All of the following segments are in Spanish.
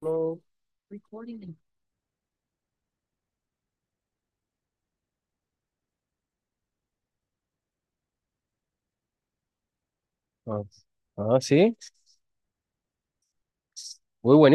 No. Ah, ah, sí. Muy bu-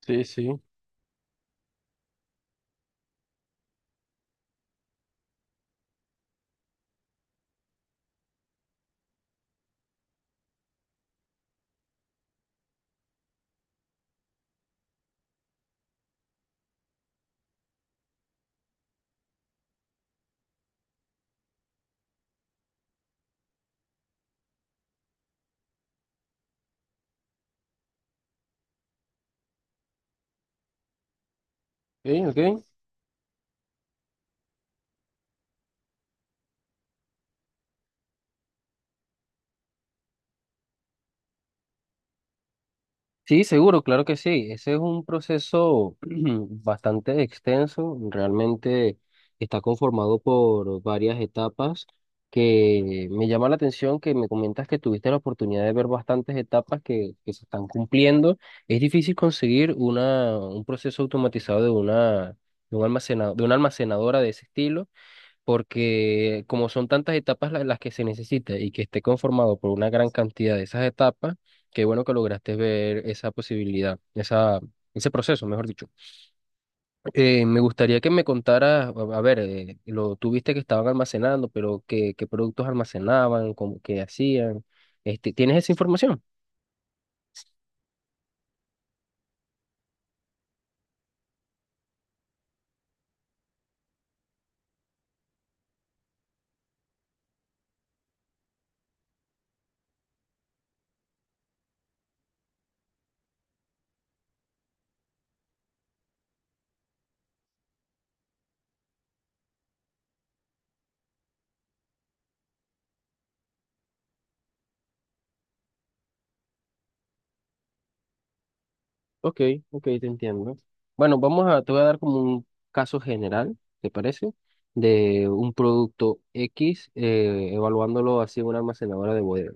Sí, sí. Ok, ok. Sí, seguro, claro que sí. Ese es un proceso bastante extenso. Realmente está conformado por varias etapas que me llama la atención que me comentas que tuviste la oportunidad de ver bastantes etapas que se están cumpliendo. Es difícil conseguir un proceso automatizado de un almacenado, de una almacenadora de ese estilo, porque como son tantas etapas las que se necesita y que esté conformado por una gran cantidad de esas etapas, qué bueno que lograste ver esa posibilidad, ese proceso, mejor dicho. Me gustaría que me contaras, a ver, lo tuviste que estaban almacenando, pero qué productos almacenaban, cómo, qué hacían. Este, ¿tienes esa información? Ok, ok, te entiendo. Bueno, te voy a dar como un caso general, ¿te parece? De un producto X, evaluándolo así en una almacenadora de bodega.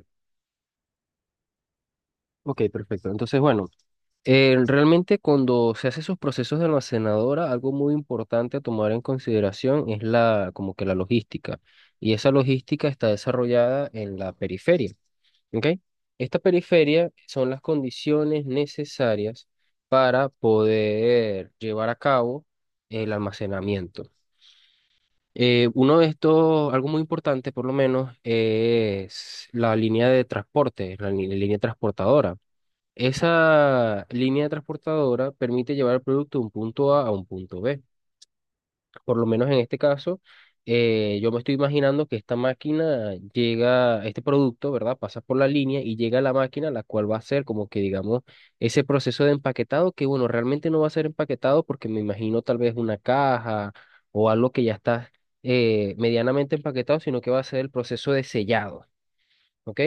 Ok, perfecto. Entonces, bueno, realmente cuando se hace esos procesos de almacenadora, algo muy importante a tomar en consideración es la, como que la logística. Y esa logística está desarrollada en la periferia. ¿Ok? Esta periferia son las condiciones necesarias para poder llevar a cabo el almacenamiento. Uno de estos, algo muy importante por lo menos, es la línea de transporte, línea transportadora. Esa línea transportadora permite llevar el producto de un punto A a un punto B, por lo menos en este caso. Yo me estoy imaginando que esta máquina llega, este producto, ¿verdad? Pasa por la línea y llega a la máquina, la cual va a ser como que, digamos, ese proceso de empaquetado, que bueno, realmente no va a ser empaquetado porque me imagino tal vez una caja o algo que ya está medianamente empaquetado, sino que va a ser el proceso de sellado. ¿Ok?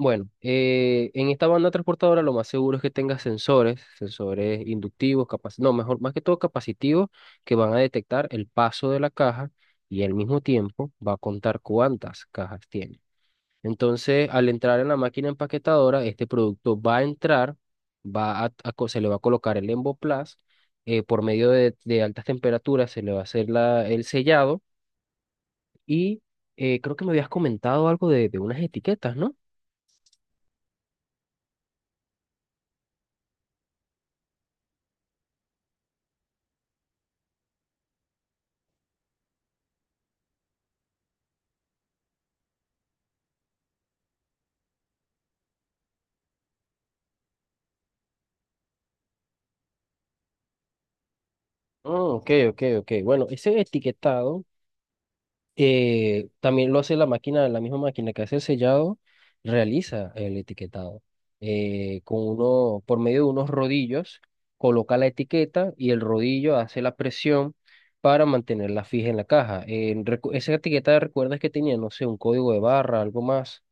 Bueno, en esta banda transportadora lo más seguro es que tenga sensores, sensores inductivos, no, mejor, más que todo capacitivos, que van a detectar el paso de la caja y al mismo tiempo va a contar cuántas cajas tiene. Entonces, al entrar en la máquina empaquetadora, este producto va a entrar, va a co- se le va a colocar el emboplaz. Por medio de altas temperaturas se le va a hacer el sellado. Y creo que me habías comentado algo de unas etiquetas, ¿no? Mm, ok, ok, ok. Bueno, ese etiquetado, también lo hace la máquina, la misma máquina que hace el sellado, realiza el etiquetado. Con uno, por medio de unos rodillos, coloca la etiqueta y el rodillo hace la presión para mantenerla fija en la caja. Esa etiqueta, ¿recuerdas que tenía, no sé, un código de barra, algo más?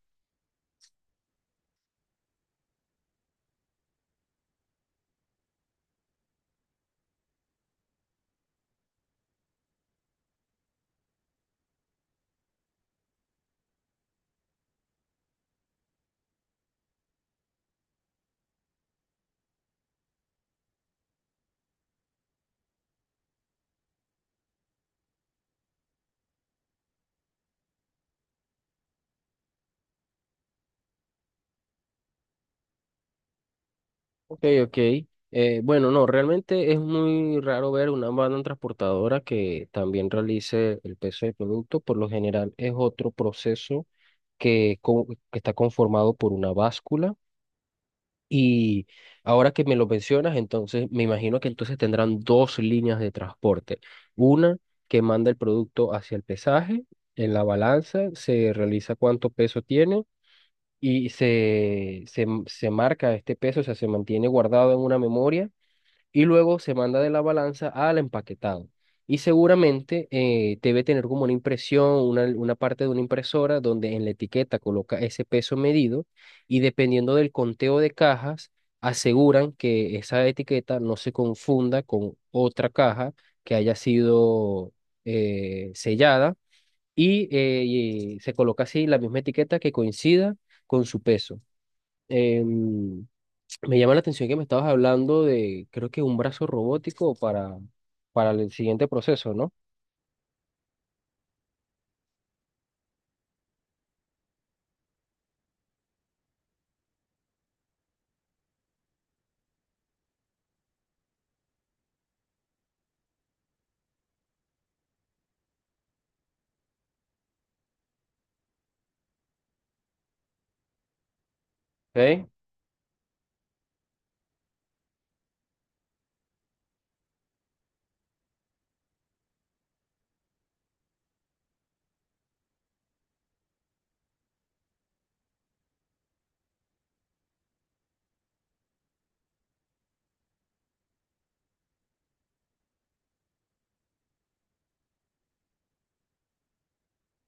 Ok, ok. Bueno, no, realmente es muy raro ver una banda transportadora que también realice el peso del producto. Por lo general es otro proceso que está conformado por una báscula. Y ahora que me lo mencionas, entonces me imagino que entonces tendrán dos líneas de transporte. Una que manda el producto hacia el pesaje, en la balanza se realiza cuánto peso tiene y se marca este peso, o sea, se mantiene guardado en una memoria y luego se manda de la balanza al empaquetado. Y seguramente debe tener como una impresión, una parte de una impresora donde en la etiqueta coloca ese peso medido y dependiendo del conteo de cajas, aseguran que esa etiqueta no se confunda con otra caja que haya sido sellada, y se coloca así la misma etiqueta que coincida con su peso. Em, Me llama la atención que me estabas hablando de, creo que un brazo robótico para el siguiente proceso, ¿no? Ok,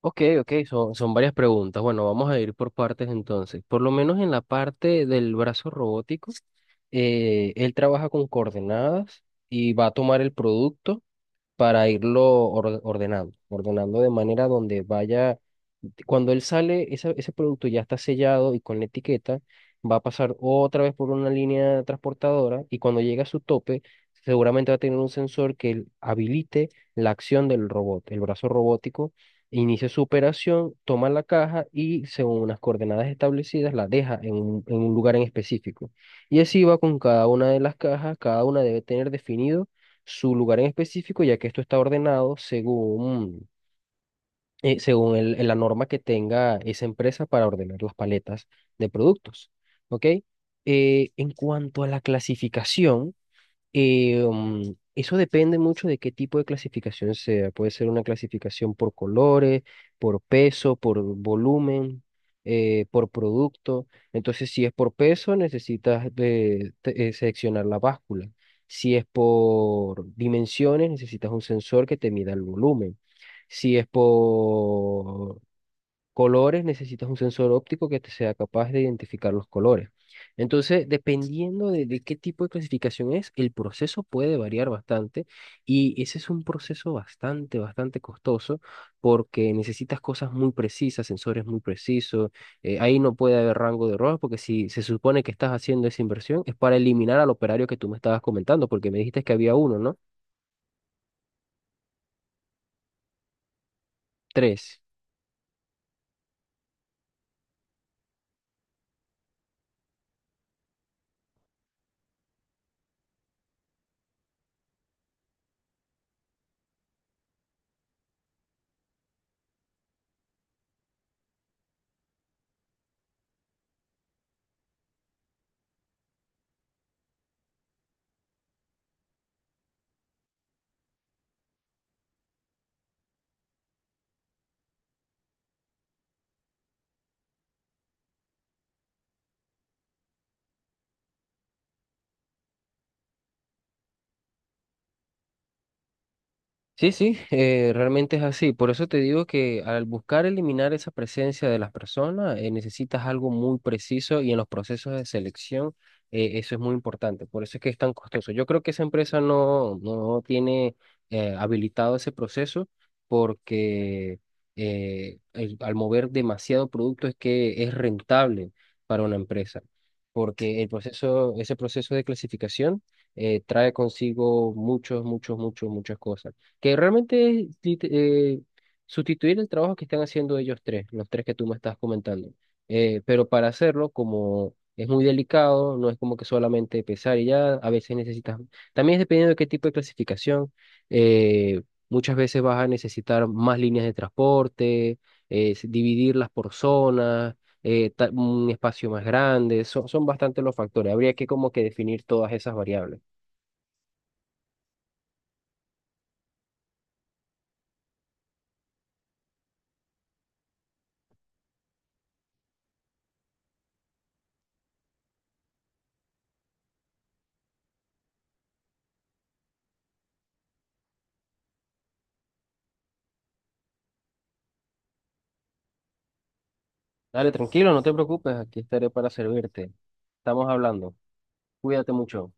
ok, ok, son varias preguntas. Bueno, vamos a ir por partes entonces. Por lo menos en la parte del brazo robótico, él trabaja con coordenadas y va a tomar el producto, para irlo ordenando, ordenando de manera donde vaya. Cuando él sale, ese producto ya está sellado y con la etiqueta, va a pasar otra vez por una línea transportadora y cuando llegue a su tope, seguramente va a tener un sensor que habilite la acción del robot, el brazo robótico. Inicia su operación, toma la caja y según unas coordenadas establecidas la deja en en un lugar en específico. Y así va con cada una de las cajas, cada una debe tener definido su lugar en específico, ya que esto está ordenado según, según la norma que tenga esa empresa para ordenar las paletas de productos. ¿Ok? En cuanto a la clasificación, eso depende mucho de qué tipo de clasificación sea. Puede ser una clasificación por colores, por peso, por volumen, por producto. Entonces, si es por peso, necesitas seleccionar la báscula. Si es por dimensiones, necesitas un sensor que te mida el volumen. Si es por colores, necesitas un sensor óptico que te sea capaz de identificar los colores. Entonces, dependiendo de qué tipo de clasificación es, el proceso puede variar bastante, y ese es un proceso bastante, bastante costoso porque necesitas cosas muy precisas, sensores muy precisos. Ahí no puede haber rango de error porque si se supone que estás haciendo esa inversión es para eliminar al operario que tú me estabas comentando, porque me dijiste que había uno, ¿no? Tres. Sí, sí, realmente es así. Por eso te digo que al buscar eliminar esa presencia de las personas, necesitas algo muy preciso, y en los procesos de selección, eso es muy importante. Por eso es que es tan costoso. Yo creo que esa empresa no, no tiene habilitado ese proceso porque al mover demasiado producto es que es rentable para una empresa. Porque el proceso, ese proceso de clasificación trae consigo muchos, muchos, muchos, muchas cosas, que realmente es sustituir el trabajo que están haciendo ellos tres, los tres que tú me estás comentando. Pero para hacerlo, como es muy delicado, no es como que solamente pesar y ya, a veces necesitas, también es dependiendo de qué tipo de clasificación, eh, muchas veces vas a necesitar más líneas de transporte, dividirlas por zonas. Un espacio más grande, son bastante los factores, habría que como que definir todas esas variables. Dale, tranquilo, no te preocupes, aquí estaré para servirte. Estamos hablando. Cuídate mucho.